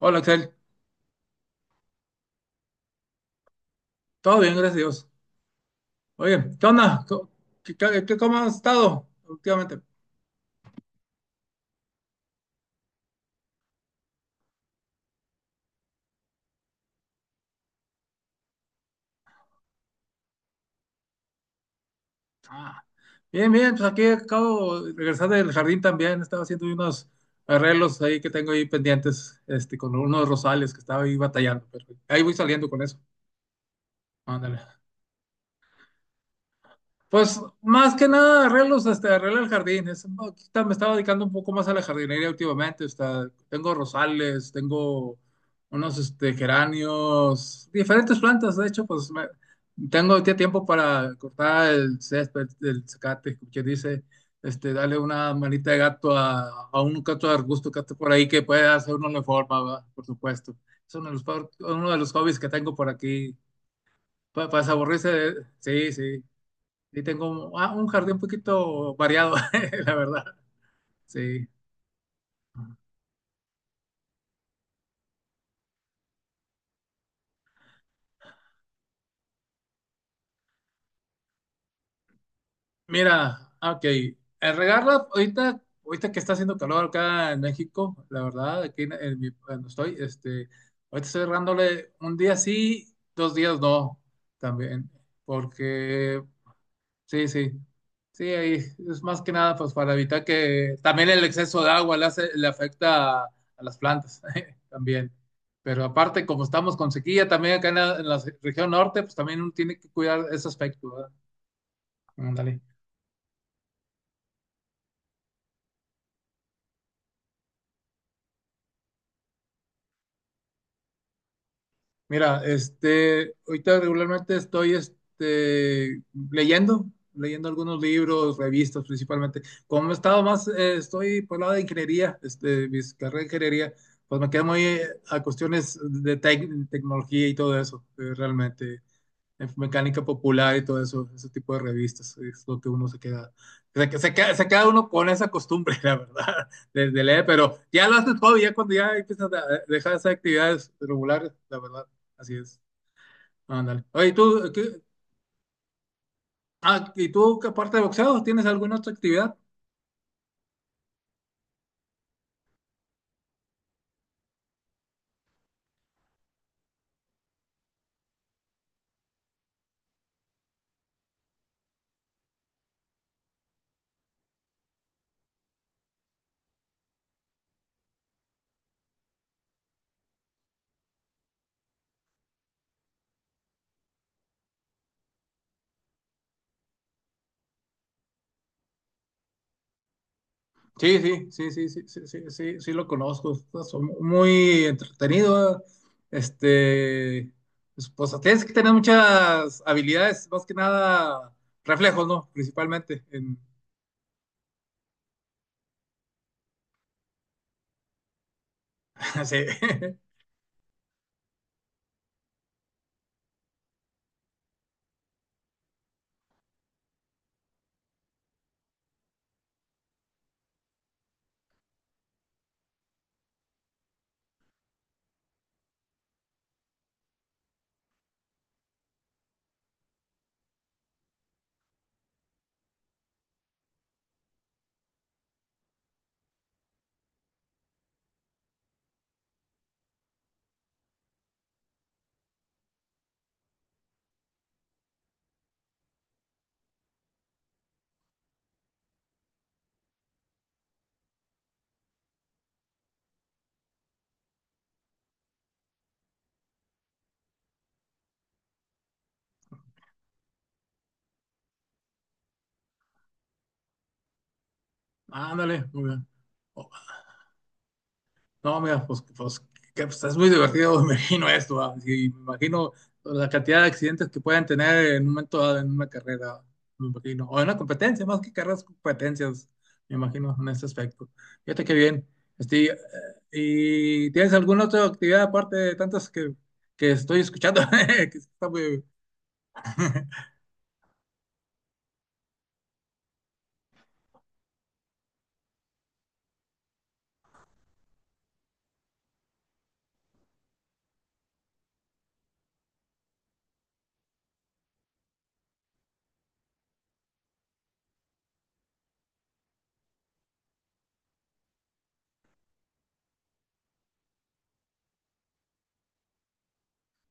Hola, Axel. Todo bien, gracias a Dios. Oye, ¿qué onda? ¿Cómo has estado últimamente? Ah, bien, bien, pues aquí acabo de regresar del jardín también. Estaba haciendo unos arreglos ahí que tengo ahí pendientes, con unos rosales que estaba ahí batallando, pero ahí voy saliendo con eso. Ándale. Pues más que nada arreglos, arregla el jardín. No, ahorita me estaba dedicando un poco más a la jardinería últimamente. Tengo rosales, tengo unos geranios, diferentes plantas. De hecho, pues tengo ahorita tiempo para cortar el césped, el zacate, como quien dice, darle una manita de gato a, un gato de arbusto que esté por ahí que pueda hacer uno la forma, ¿va? Por supuesto. Es uno de los hobbies que tengo por aquí. Para aburrirse, sí, sí. Sí, tengo un jardín un poquito variado, la verdad. Sí. Mira, ok. El regarla, ahorita que está haciendo calor acá en México, la verdad, aquí donde estoy, ahorita estoy regándole un día sí, dos días no, también. Porque. Sí, sí. Sí, ahí es más que nada pues para evitar que también el exceso de agua le afecta a, las plantas también. Pero aparte, como estamos con sequía también acá en la región norte, pues también uno tiene que cuidar ese aspecto, ¿verdad? Ándale. Mira, ahorita regularmente estoy leyendo, leyendo algunos libros, revistas principalmente. Como he estado más, estoy por el lado de ingeniería, mi carrera de ingeniería, pues me quedo muy a cuestiones de tecnología y todo eso, realmente en mecánica popular y todo eso, ese tipo de revistas, es lo que uno se queda uno con esa costumbre, la verdad, de leer, pero ya lo haces todo, ya cuando ya empiezas a dejar esas actividades regulares, la verdad, así es. Ándale. Oye, ¿y tú, que aparte de boxeo, tienes alguna otra actividad? Sí, sí, sí, sí, sí, sí, sí, sí, sí lo conozco. Es muy entretenido. Este, pues, tienes que tener muchas habilidades, más que nada reflejos, ¿no? Principalmente. Sí. Ándale, muy bien. No, mira, pues, que, pues, es muy divertido, me imagino esto, ¿va? Y me imagino la cantidad de accidentes que pueden tener en un momento dado en una carrera, me imagino, o en una competencia, más que carreras, competencias, me imagino, en este aspecto. Fíjate qué bien. Este, eh, ¿Y tienes alguna otra actividad aparte de tantas que estoy escuchando? Que está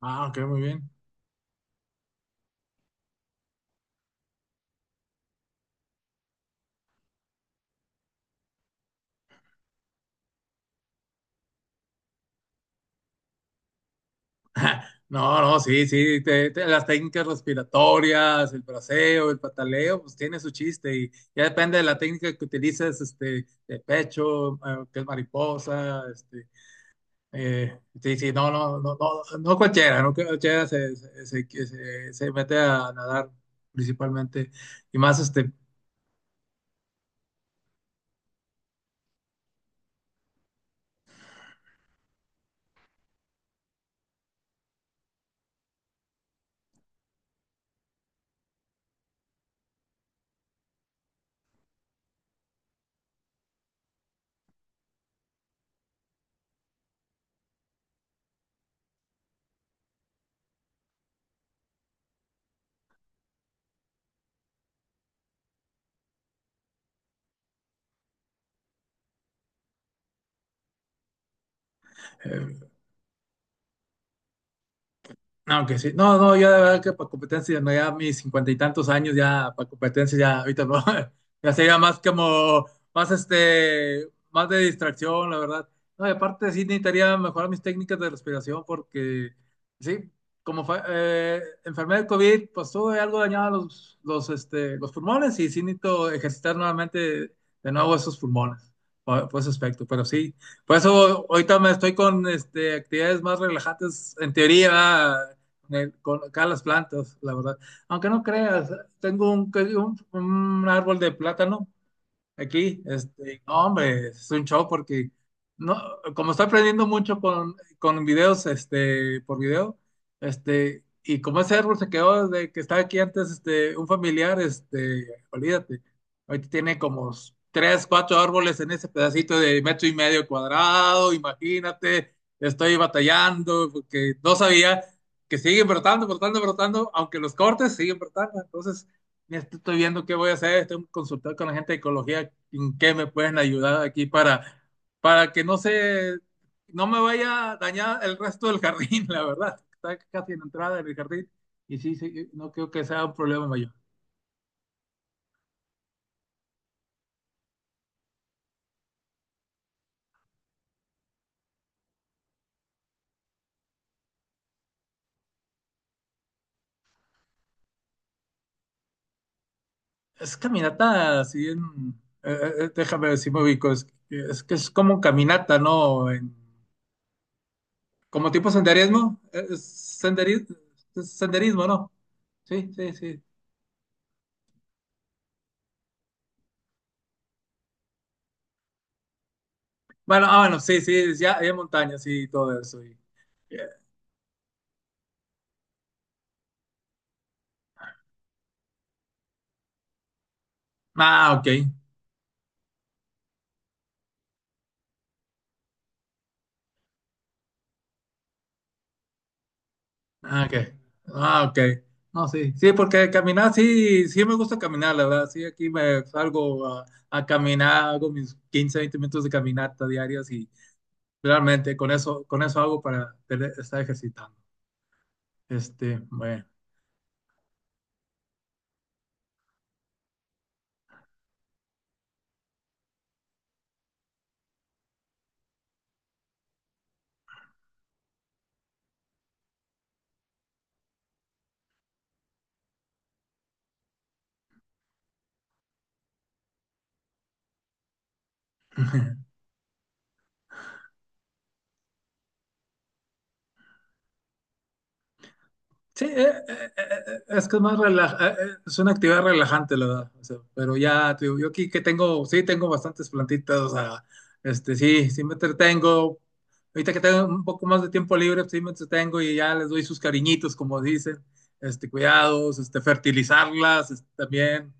Ah, ok, muy bien. No, no, sí, sí, las técnicas respiratorias, el braceo, el pataleo, pues tiene su chiste y ya depende de la técnica que utilices, de pecho, que es mariposa, sí, sí, no, no, no, no, no cualquiera, no cualquiera se mete a nadar principalmente y más, eh, aunque sí, no, no, yo de verdad que para competencia, no, ya mis cincuenta y tantos años, ya para competencia, ya ahorita no, ya sería más como, más más de distracción, la verdad. No, y aparte sí necesitaría mejorar mis técnicas de respiración porque, sí, como fue, enfermedad del COVID, pues tuve algo dañado los, los pulmones y sí necesito ejercitar nuevamente de nuevo esos pulmones, por ese aspecto, pero sí, por eso ahorita me estoy con, actividades más relajantes, en teoría, con acá las plantas, la verdad. Aunque no creas, tengo un, un árbol de plátano aquí, no, hombre, es un show porque no, como estoy aprendiendo mucho con, videos, por video, y como ese árbol se quedó desde que estaba aquí antes, un familiar, olvídate, ahorita tiene como tres, cuatro árboles en ese pedacito de metro y medio cuadrado, imagínate, estoy batallando porque no sabía que siguen brotando, brotando, brotando, aunque los cortes siguen brotando, entonces. Estoy viendo qué voy a hacer, estoy consultando con la gente de ecología en qué me pueden ayudar aquí para que no se, no me vaya a dañar el resto del jardín, la verdad. Está casi en la entrada del jardín y sí, sí, no creo que sea un problema mayor. Es caminata, así déjame ver si me ubico, es que es como caminata, ¿no? Como tipo senderismo, es senderismo, senderismo, ¿no? Sí, sí, sí. Bueno, bueno, sí, sí, ya hay montañas y todo eso. Ah, ok. Ah, ok. Ah, ok. No, sí. Sí, porque caminar, sí, sí me gusta caminar, la verdad. Sí, aquí me salgo a, caminar, hago mis 15, 20 minutos de caminata diarias y realmente con eso hago para estar ejercitando. Bueno. Sí, es que es más relaja, es una actividad relajante, la verdad. O sea, pero ya, te digo, yo aquí que tengo, sí, tengo bastantes plantitas, o sea, sí, sí me entretengo. Ahorita que tengo un poco más de tiempo libre, sí me entretengo y ya les doy sus cariñitos, como dicen, cuidados, fertilizarlas, también.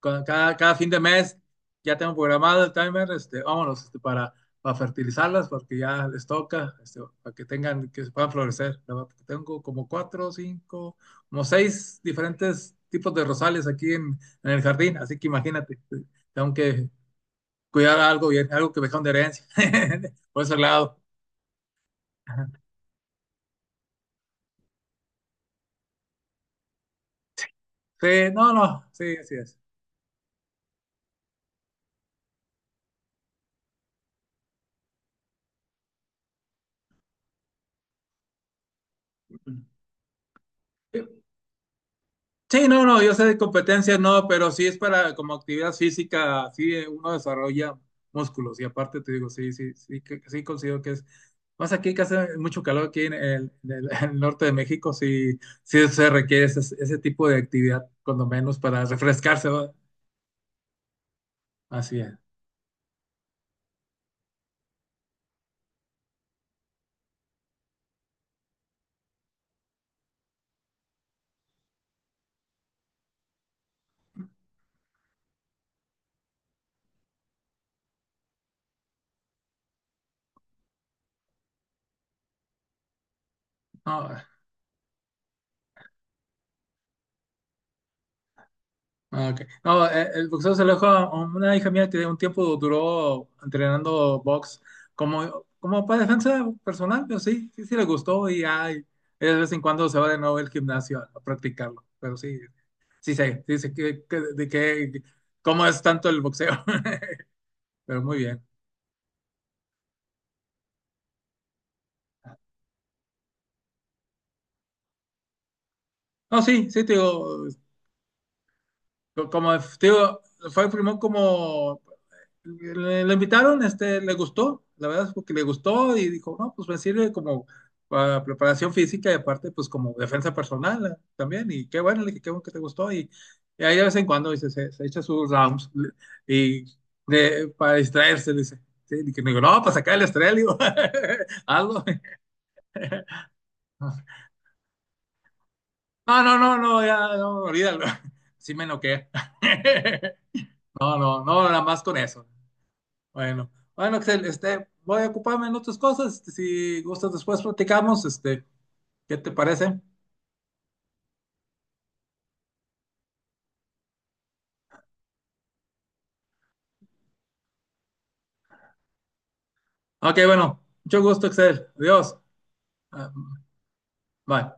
Cada fin de mes ya tengo programado el timer, vámonos, para fertilizarlas, porque ya les toca, para que tengan, que se puedan florecer. Tengo como cuatro, cinco, como seis diferentes tipos de rosales aquí en el jardín, así que imagínate, tengo que cuidar algo bien, algo que me dejaron de herencia, por ese lado. Sí, no, no, sí, así es. Sí, no, no, yo sé de competencias, no, pero sí es para como actividad física, sí uno desarrolla músculos y aparte te digo, sí, sí, sí, sí considero que es, más aquí que hace mucho calor aquí en el norte de México, sí, sí se requiere ese tipo de actividad, cuando menos para refrescarse, ¿va? Así es. No, ah, ok. No, el boxeo se alejó. Una hija mía que un tiempo duró entrenando box como, para defensa personal, pero sí, sí, sí le gustó y ay, de vez en cuando se va de nuevo al gimnasio a, practicarlo. Pero sí, sí sé de qué, cómo es tanto el boxeo. Pero muy bien. No, sí, sí, te digo, como te digo, fue primero como le invitaron, le gustó, la verdad es porque le gustó y dijo, no, pues me sirve como para preparación física y aparte, pues como defensa personal también. Y qué bueno, le dije, qué bueno que te gustó. Y ahí de vez en cuando dice, se echa sus rounds y para distraerse, dice. Sí, y que me digo, no, para sacar el estrés, le digo, algo. No, no, no, no, ya, no, olvídalo. Sí me noquea. No, no, no, nada más con eso. Bueno, bueno, Axel, voy a ocuparme en otras cosas. Si gustas, después platicamos. ¿Qué te parece? Ok, bueno, mucho gusto, Axel. Adiós. Ah, bye.